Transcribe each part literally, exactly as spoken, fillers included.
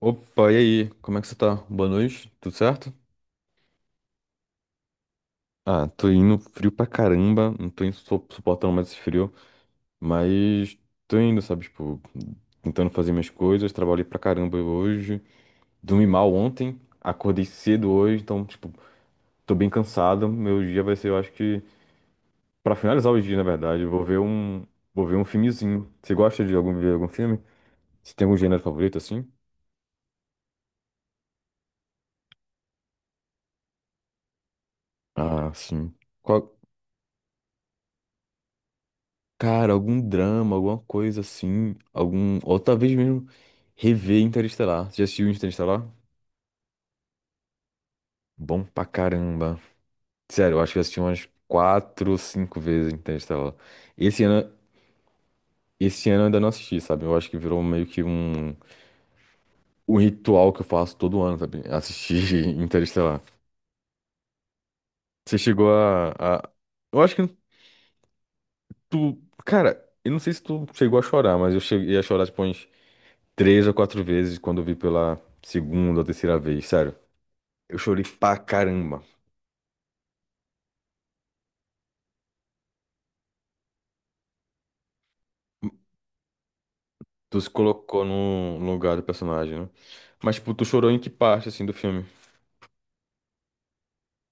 Opa, e aí? Como é que você tá? Boa noite, tudo certo? Ah, tô indo frio pra caramba, não tô in- so- suportando mais esse frio, mas tô indo, sabe? Tipo, tentando fazer minhas coisas, trabalhei pra caramba hoje, dormi mal ontem, acordei cedo hoje, então, tipo, tô bem cansado. Meu dia vai ser, eu acho que, pra finalizar o dia, na verdade, eu vou ver um, vou ver um filmezinho. Você gosta de algum, ver algum filme? Você tem algum gênero favorito assim? Ah, sim. Qual? Cara, algum drama, alguma coisa assim, algum. Ou talvez mesmo rever Interestelar. Você já assistiu Interestelar? Bom pra caramba. Sério, eu acho que eu assisti umas quatro ou cinco vezes Interestelar. Esse ano, esse ano eu ainda não assisti, sabe? Eu acho que virou meio que um, um ritual que eu faço todo ano, sabe? Assistir Interestelar. Você chegou a, a- Eu acho que tu. Cara, eu não sei se tu chegou a chorar, mas eu cheguei a chorar tipo umas três ou quatro vezes quando eu vi pela segunda ou terceira vez, sério. Eu chorei pra caramba. Tu se colocou no lugar do personagem, né? Mas, tipo, tu chorou em que parte, assim, do filme?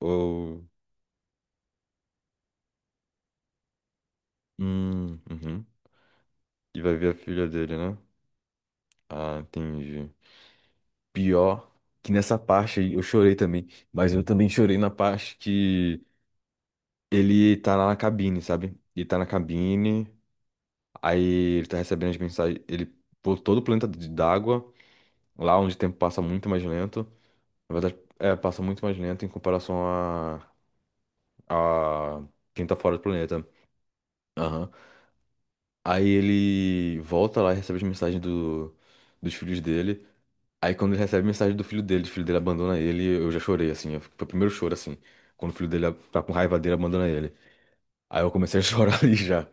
Ou. Hum, uhum. E vai ver a filha dele, né? Ah, entendi. Pior que nessa parte aí eu chorei também. Mas eu também chorei na parte que ele tá lá na cabine, sabe? Ele tá na cabine, aí ele tá recebendo as mensagens. Ele pô todo o planeta d- d'água, lá onde o tempo passa muito mais lento. Na verdade, é, passa muito mais lento em comparação a quem tá fora do planeta. Aham. Aí ele volta lá e recebe as mensagens do, dos filhos dele. Aí quando ele recebe a mensagem do filho dele, o filho dele abandona ele, eu já chorei, assim. eu- Foi o primeiro choro, assim. Quando o filho dele tá com raiva dele, abandona ele. Aí eu comecei a chorar ali já.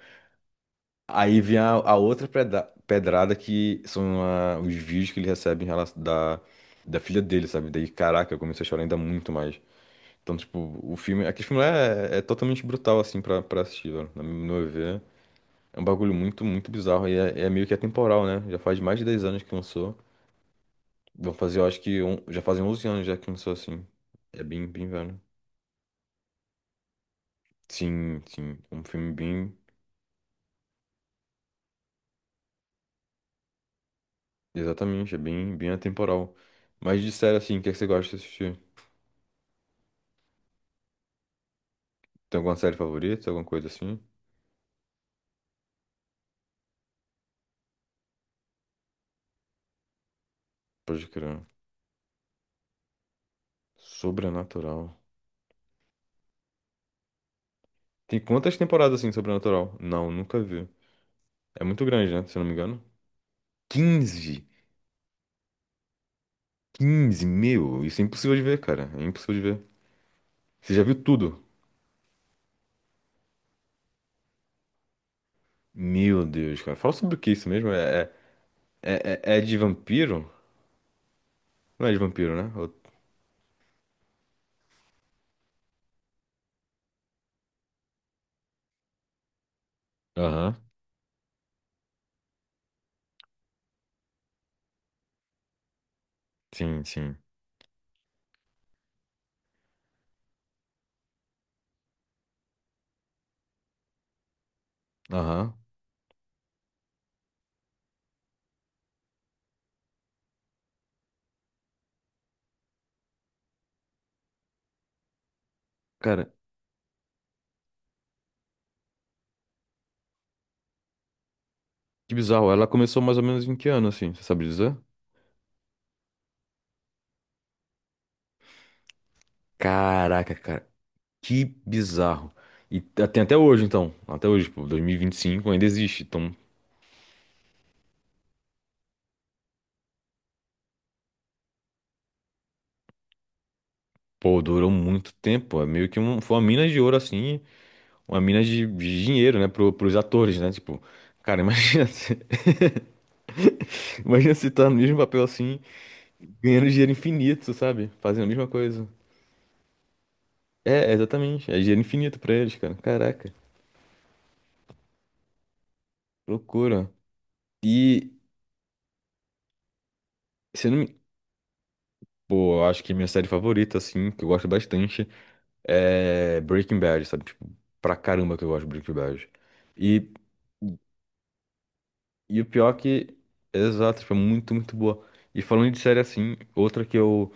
Aí vem a, a outra pedra- pedrada que são a- os vídeos que ele recebe em relação da, da filha dele, sabe? Daí, caraca, eu comecei a chorar ainda muito mais. Então, tipo, o filme. Aquele filme é, é totalmente brutal, assim, pra, pra assistir, velho. No meu ver. É um bagulho muito, muito bizarro. E é, é meio que atemporal, né? Já faz mais de dez anos que lançou. Vão fazer, eu acho que. on- já fazem onze anos já que lançou assim. É bem, bem velho. Sim, sim. Um filme bem. Exatamente, é bem, bem atemporal. Mas de série assim, o que é que você gosta de assistir? Tem alguma série favorita? Alguma coisa assim? Pode crer. Sobrenatural. Tem quantas temporadas assim, Sobrenatural? Não, nunca vi. É muito grande, né? Se eu não me engano. Quinze, quinze, meu! Isso é impossível de ver, cara. É impossível de ver. Você já viu tudo? Meu Deus, cara. Fala sobre o que isso mesmo? É, é, é, é de vampiro? Não é de vampiro, né? Ou- Aham. Sim, sim. Aham. Cara, que bizarro. Ela começou mais ou menos em que ano, assim? Você sabe dizer? Caraca, cara. Que bizarro. E tá- tem até hoje, então. Até hoje, pô, dois mil e vinte e cinco ainda existe. Então, pô, durou muito tempo. É meio que um, foi uma mina de ouro, assim. Uma mina de, de dinheiro, né? Pro, pros atores, né? Tipo, cara, imagina se, imagina se tá no mesmo papel assim. Ganhando dinheiro infinito, sabe? Fazendo a mesma coisa. É, exatamente. É dinheiro infinito pra eles, cara. Caraca, loucura. E se eu não me. Pô, eu acho que minha série favorita, assim, que eu gosto bastante, é Breaking Bad, sabe? Tipo, pra caramba que eu gosto de Breaking Bad. E, e o pior é que. Exato, foi muito, muito boa. E falando de série assim, outra que eu,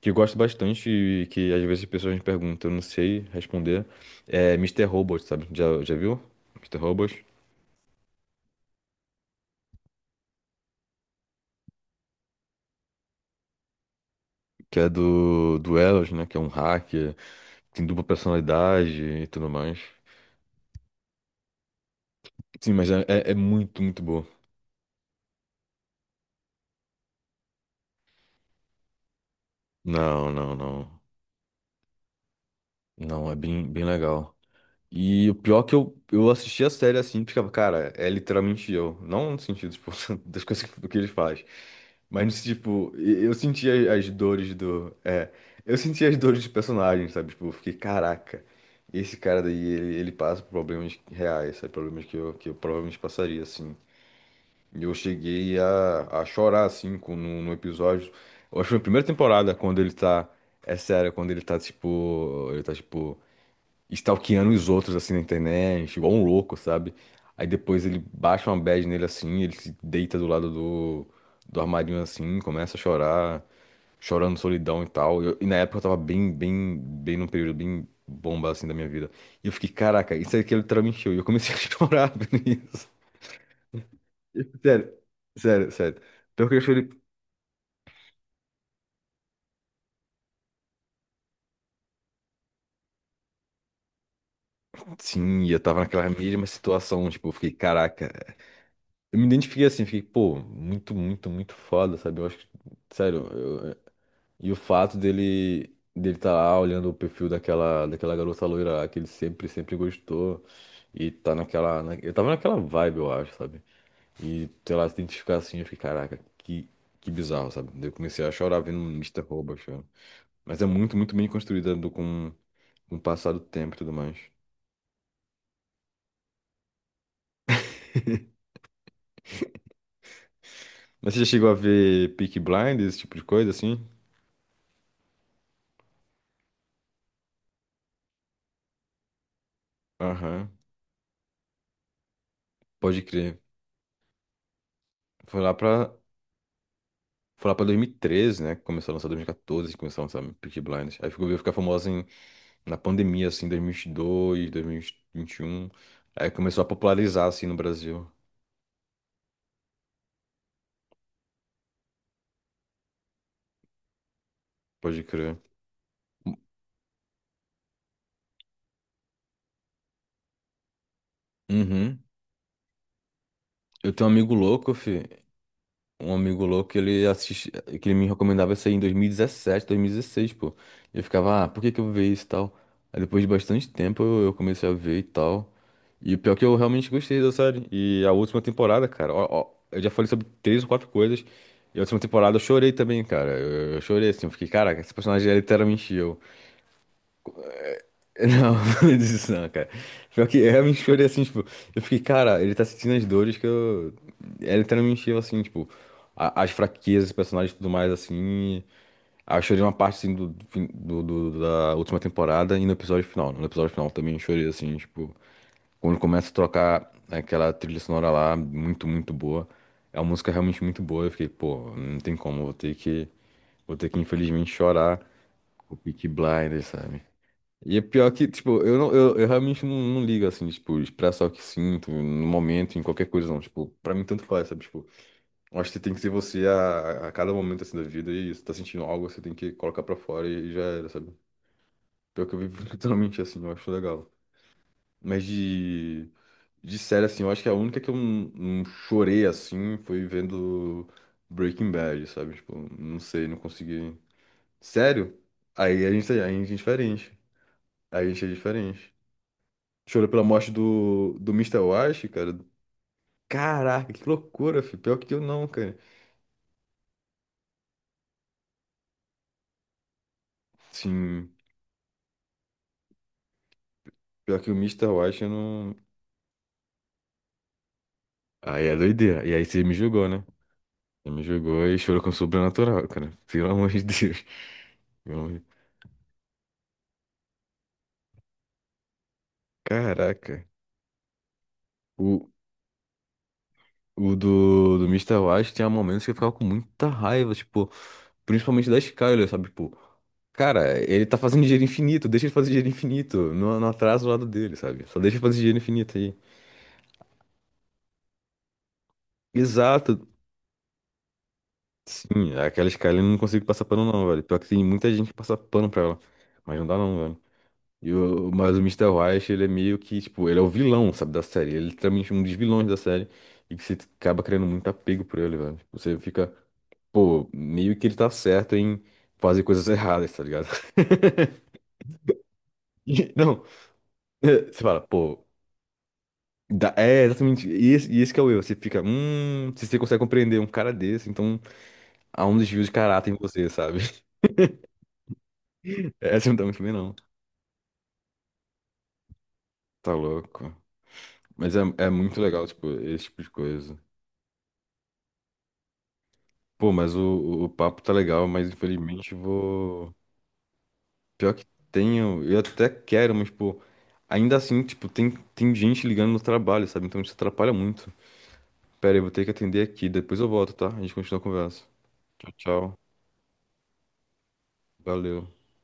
que eu gosto bastante e que às vezes as pessoas me perguntam, eu não sei responder, é Mister Robot, sabe? Já, já viu? Mister Robot. Que é do, do Elos, né? Que é um hacker, tem dupla personalidade e tudo mais. Sim, mas é, é- é muito, muito boa. Não, não, não. Não, é bem, bem legal. E o pior é que eu, eu assisti a série assim, e ficava, cara, é literalmente eu. Não no sentido, tipo, das coisas que, que ele faz. Mas, no sentido, tipo, e- eu senti as, as dores do. É, eu senti as dores dos personagens, sabe? Tipo, eu fiquei, caraca, esse cara daí, ele, ele passa por problemas reais, sabe? Problemas que eu, que eu provavelmente passaria, assim. E eu cheguei a, a chorar, assim, com, no, no episódio. Eu acho que foi a primeira temporada, quando ele tá. É sério, quando ele tá, tipo. Ele tá, tipo. Stalkeando os outros, assim, na internet, igual um louco, sabe? Aí depois ele baixa uma bad nele, assim, ele se deita do lado do, do armarinho, assim, começa a chorar, chorando solidão e tal. Eu- e na época eu tava bem, bem, bem num período bem bomba, assim, da minha vida. E eu fiquei, caraca, isso aqui é literalmente eu. E eu comecei a chorar por isso. Sério, sério, sério. Pior que eu chorei. Sim, eu tava naquela mesma situação, tipo, eu fiquei, caraca. Eu me identifiquei assim, fiquei, pô, muito, muito, muito foda, sabe? Eu acho que, sério, eu- e o fato dele dele tá lá olhando o perfil daquela, daquela garota loira lá, que ele sempre, sempre gostou, e tá naquela, na- eu tava naquela vibe, eu acho, sabe? E, sei lá, se identificar assim, eu fiquei, caraca, que, que bizarro, sabe? Daí eu comecei a chorar vendo mister Robot, chorando. Mas é muito, muito bem construída com o passar do tempo e tudo mais. Mas você já chegou a ver Peaky Blinders, esse tipo de coisa, assim? Aham, pode crer. Foi lá pra, foi lá pra dois mil e treze, né? Que começou a lançar dois mil e quatorze, que começou a lançar Peaky Blinders. Aí ficou, veio ficar famosa em, na pandemia, assim, dois mil e vinte e dois, dois mil e vinte e um. Aí começou a popularizar, assim, no Brasil. Pode crer. Uhum. Eu tenho um amigo louco, fi. Um amigo louco, ele assiste, que ele me recomendava isso aí em dois dois mil mil e dezessete, dois mil e dezesseis, pô. E eu ficava, ah, por que que eu vou ver isso e tal? Aí depois de bastante tempo eu, eu comecei a ver e tal. E o pior é que eu realmente gostei da série. E a última temporada, cara, ó, ó, eu já falei sobre três ou quatro coisas. E a última temporada eu chorei também, cara. Eu, eu chorei assim, eu fiquei, caraca, esse personagem é literalmente eu. Não, não disse isso não, cara. Pior que eu realmente chorei assim, tipo, eu fiquei, cara, ele tá sentindo as dores que eu. Ele tá me encheu assim, tipo, a- as fraquezas, dos personagens e tudo mais, assim. Aí eu chorei uma parte assim do, do, fim- do, do- da última temporada e no episódio final. No episódio final também eu chorei assim, tipo, quando começa a tocar aquela trilha sonora lá, muito, muito boa. É uma música realmente muito boa. Eu fiquei, pô, não tem como, vou ter que, vou ter que infelizmente chorar o Peaky Blinders, sabe? E é pior que, tipo, eu, não, eu, eu realmente não, não ligo, assim, tipo, expressar o que sinto no momento, em qualquer coisa, não. Tipo, pra mim tanto faz, sabe? Tipo, eu acho que tem que ser você a, a cada momento, assim, da vida e se tá sentindo algo, você tem que colocar pra fora e, e já era, sabe? Pior que eu vivo literalmente assim, eu acho legal. Mas de, de série, assim, eu acho que a única que eu não, não chorei, assim, foi vendo Breaking Bad, sabe? Tipo, não sei, não consegui. Sério? Aí a gente, a gente é diferente. Aí a gente é diferente. Chorou pela morte do, do Mister Wash, cara. Caraca, que loucura, filho. Pior que eu não, cara. Sim, pior que o Mister Wash eu não. Aí é doideira. E aí você me julgou, né? Você me julgou e chorou com o Sobrenatural, cara. Pelo amor de Deus. Pelo amor de- Caraca. O, o do, do Mister Wash tinha momentos que eu ficava com muita raiva, tipo, principalmente da Skyler, sabe? Tipo, cara, ele tá fazendo dinheiro infinito, deixa ele fazer dinheiro infinito. Não, não atrasa o lado dele, sabe? Só deixa ele fazer dinheiro infinito aí. Exato. Sim, aquela Skyline eu não consigo passar pano não, velho. Pior que tem muita gente que passa pano pra ela. Mas não dá não, velho. E o, mas o Mister White, ele é meio que, tipo, ele é o vilão, sabe, da série. Ele é literalmente um dos vilões da série. E que você acaba criando muito apego por ele, velho. Tipo, você fica, pô, meio que ele tá certo em fazer coisas erradas, tá ligado? E- Não, é, você fala, pô, dá- é exatamente. E esse, e esse que é o erro. Você fica, hum, se você consegue compreender um cara desse, então há um desvio de caráter em você, sabe? Essa não tá muito bem, não. Tá louco. Mas é, é muito legal, tipo, esse tipo de coisa. Pô, mas o, o o papo tá legal, mas infelizmente eu vou. Pior que tenho, eu até quero, mas, pô, ainda assim, tipo, tem, tem gente ligando no trabalho, sabe? Então isso atrapalha muito. Pera aí, eu vou ter que atender aqui, depois eu volto, tá? A gente continua a conversa. Tchau, tchau. Valeu.